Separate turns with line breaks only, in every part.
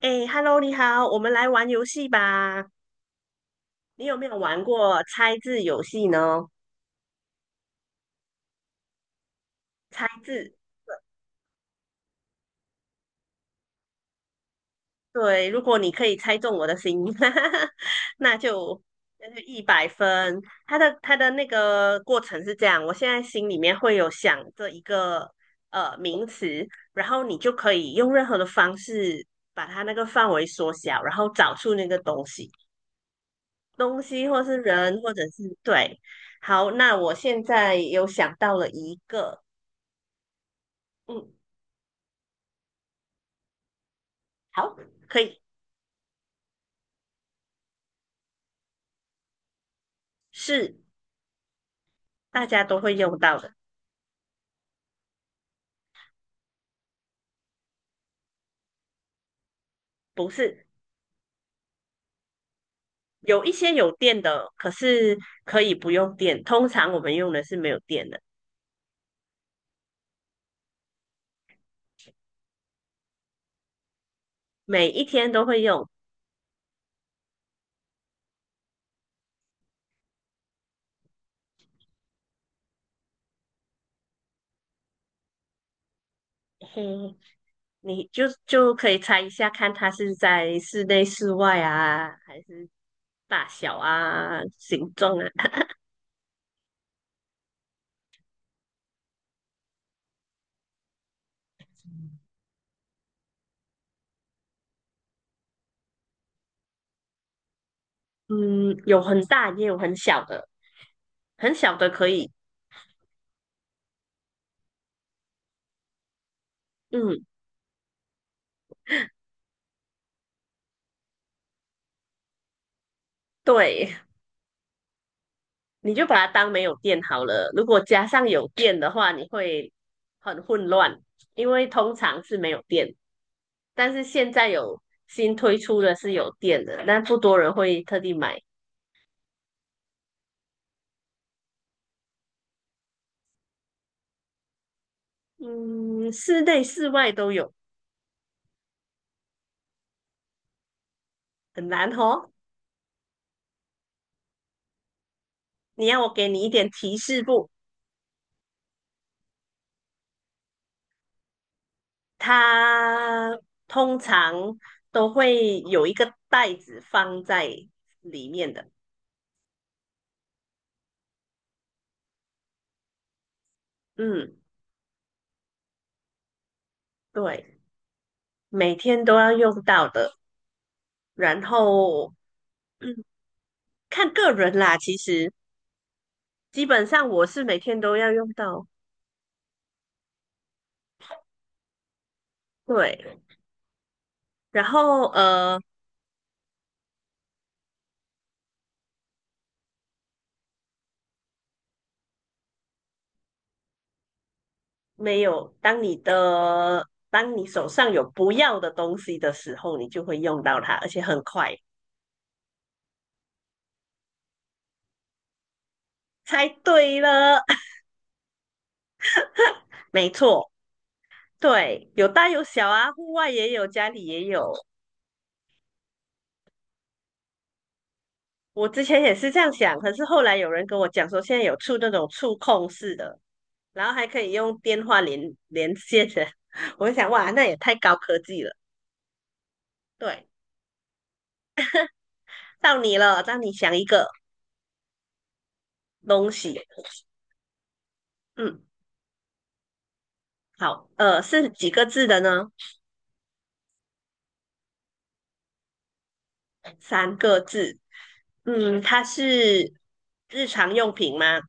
哎，Hello，你好，我们来玩游戏吧。你有没有玩过猜字游戏呢？猜字，对，如果你可以猜中我的心，那就那就100分。它的那个过程是这样，我现在心里面会有想这一个名词，然后你就可以用任何的方式把它那个范围缩小，然后找出那个东西，东西或是人，或者是对。好，那我现在有想到了一个。嗯，好，可以，是大家都会用到的，不是，有一些有电的，可是可以不用电。通常我们用的是没有电的，每一天都会用。嘿，你就可以猜一下，看它是在室内、室外啊，还是大小啊、形状啊？嗯，有很大也有很小的，很小的可以。嗯，对，你就把它当没有电好了。如果加上有电的话，你会很混乱，因为通常是没有电，但是现在有新推出的是有电的，但不多人会特地买。嗯，室内室外都有，很难哦。你要我给你一点提示不？它通常都会有一个袋子放在里面的。嗯，对，每天都要用到的。然后，嗯。看个人啦，其实基本上我是每天都要用到，对。然后，没有，当你的当你手上有不要的东西的时候，你就会用到它，而且很快。猜对了，没错，对，有大有小啊，户外也有，家里也有。我之前也是这样想，可是后来有人跟我讲说，现在有那种触控式的，然后还可以用电话连线的，我就想哇，那也太高科技了。对，到你了，让你想一个东西。嗯，好，是几个字的呢？三个字。嗯，它是日常用品吗？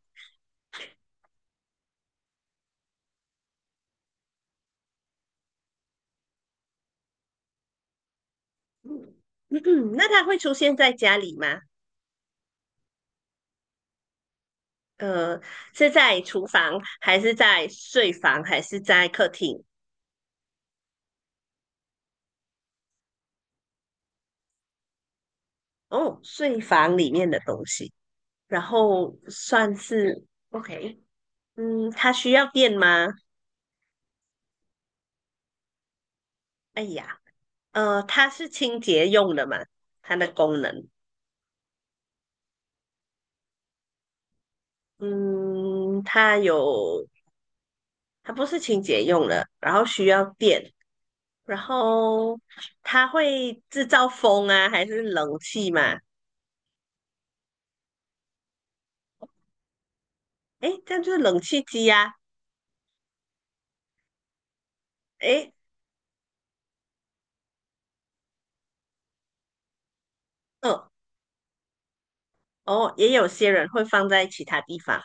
嗯，那它会出现在家里吗？呃，是在厨房，还是在睡房，还是在客厅？哦，睡房里面的东西，然后算是 OK。嗯，它需要电吗？哎呀，它是清洁用的嘛，它的功能。嗯，它有，它不是清洁用的，然后需要电，然后它会制造风啊，还是冷气嘛？诶，这样就是冷气机呀、诶，哦，哦，也有些人会放在其他地方，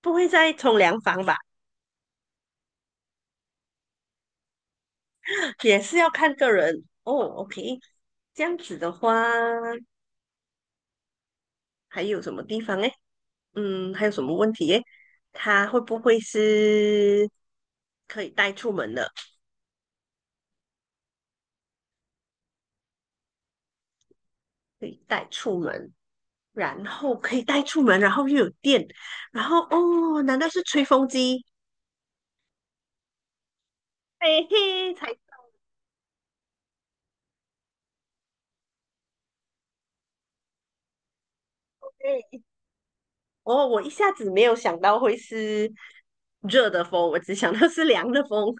不会在冲凉房吧？也是要看个人。哦，OK，这样子的话，还有什么地方诶？嗯，还有什么问题诶？它会不会是可以带出门的？可以带出门。然后可以带出门，然后又有电，然后哦，难道是吹风机？嘿嘿，才对。哦，我一下子没有想到会是热的风，我只想到是凉的风。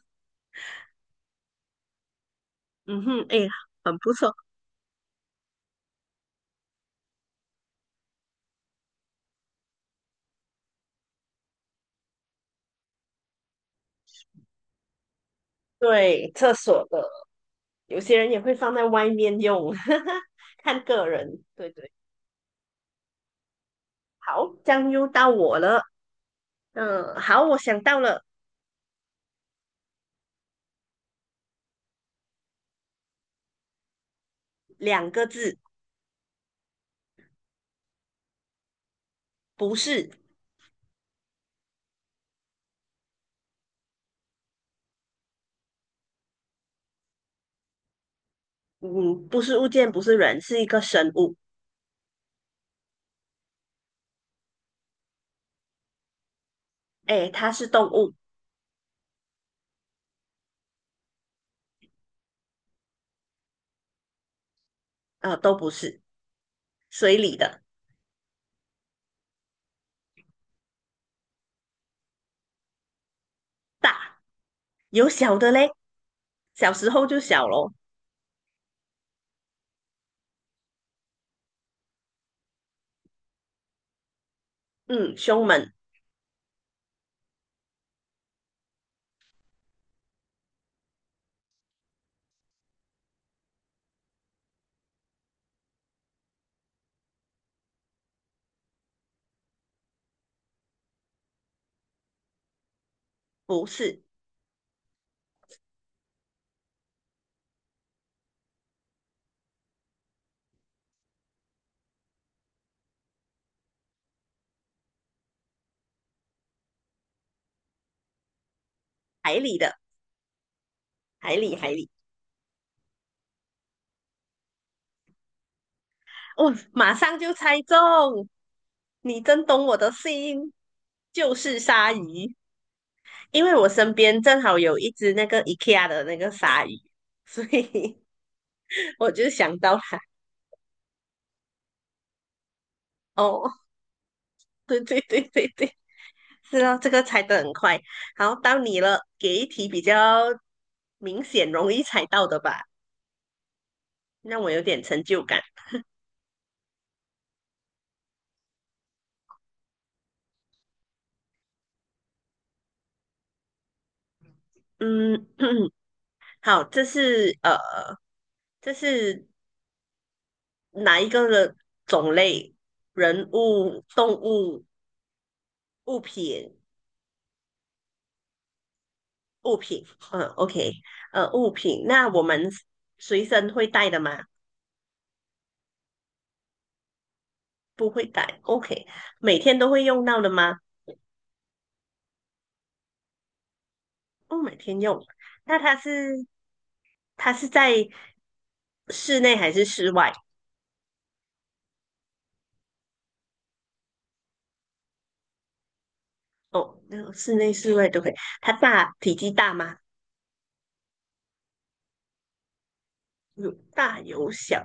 嗯哼，哎，很不错。对，厕所的，有些人也会放在外面用，看个人。对对，好，这样又到我了。嗯，好，我想到了两个字，不是，嗯，不是物件，不是人，是一个生物。哎，它是动物，都不是。水里的大，有小的嘞，小时候就小咯。嗯，胸门不是海里的，海里海里，哦，马上就猜中，你真懂我的心，就是鲨鱼，因为我身边正好有一只那个 IKEA 的那个鲨鱼，所以 我就想到它。哦，对对对对对，是啊，这个猜得很快。好，到你了，给一题比较明显、容易猜到的吧，让我有点成就感。嗯，好，这是哪一个的种类？人物、动物、物品、物品。嗯，OK，物品。那我们随身会带的吗？不会带。OK，每天都会用到的吗？不，每天用。那它是在室内还是室外？哦，那个室内、室外都可以。体积大吗？有大有小。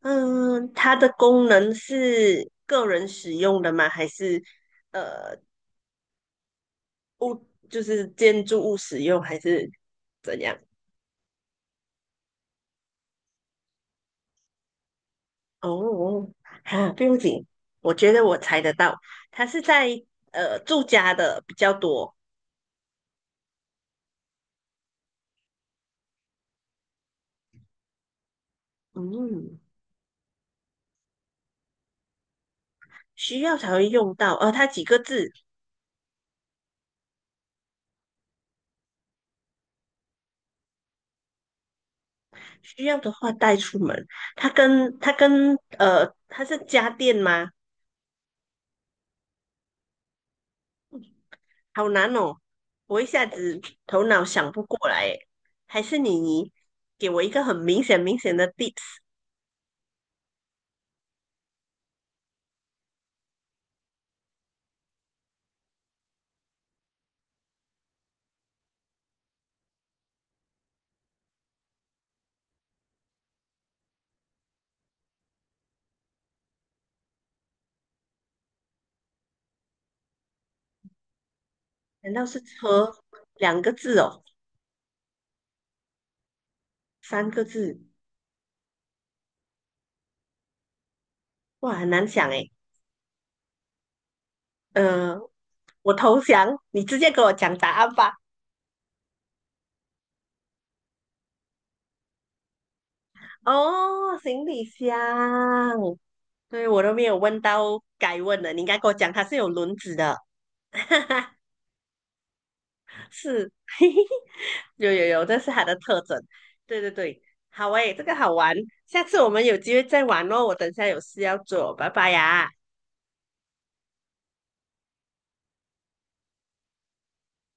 嗯，它的功能是个人使用的吗？还是呃就是建筑物使用，还是怎样？哦，哈，不用紧，我觉得我猜得到，它是在住家的比较多，嗯，需要才会用到。它几个字，需要的话带出门。它是家电吗？好难哦，我一下子头脑想不过来耶，还是你给我一个很明显的 tips？难道是车，2个字哦，三个字？哇，很难想诶。呃，我投降，你直接给我讲答案吧。哦，行李箱，对，我都没有问到该问的，你应该给我讲它是有轮子的，是，有有有，这是它的特征。对对对，好诶，这个好玩，下次我们有机会再玩哦。我等下有事要做，拜拜呀。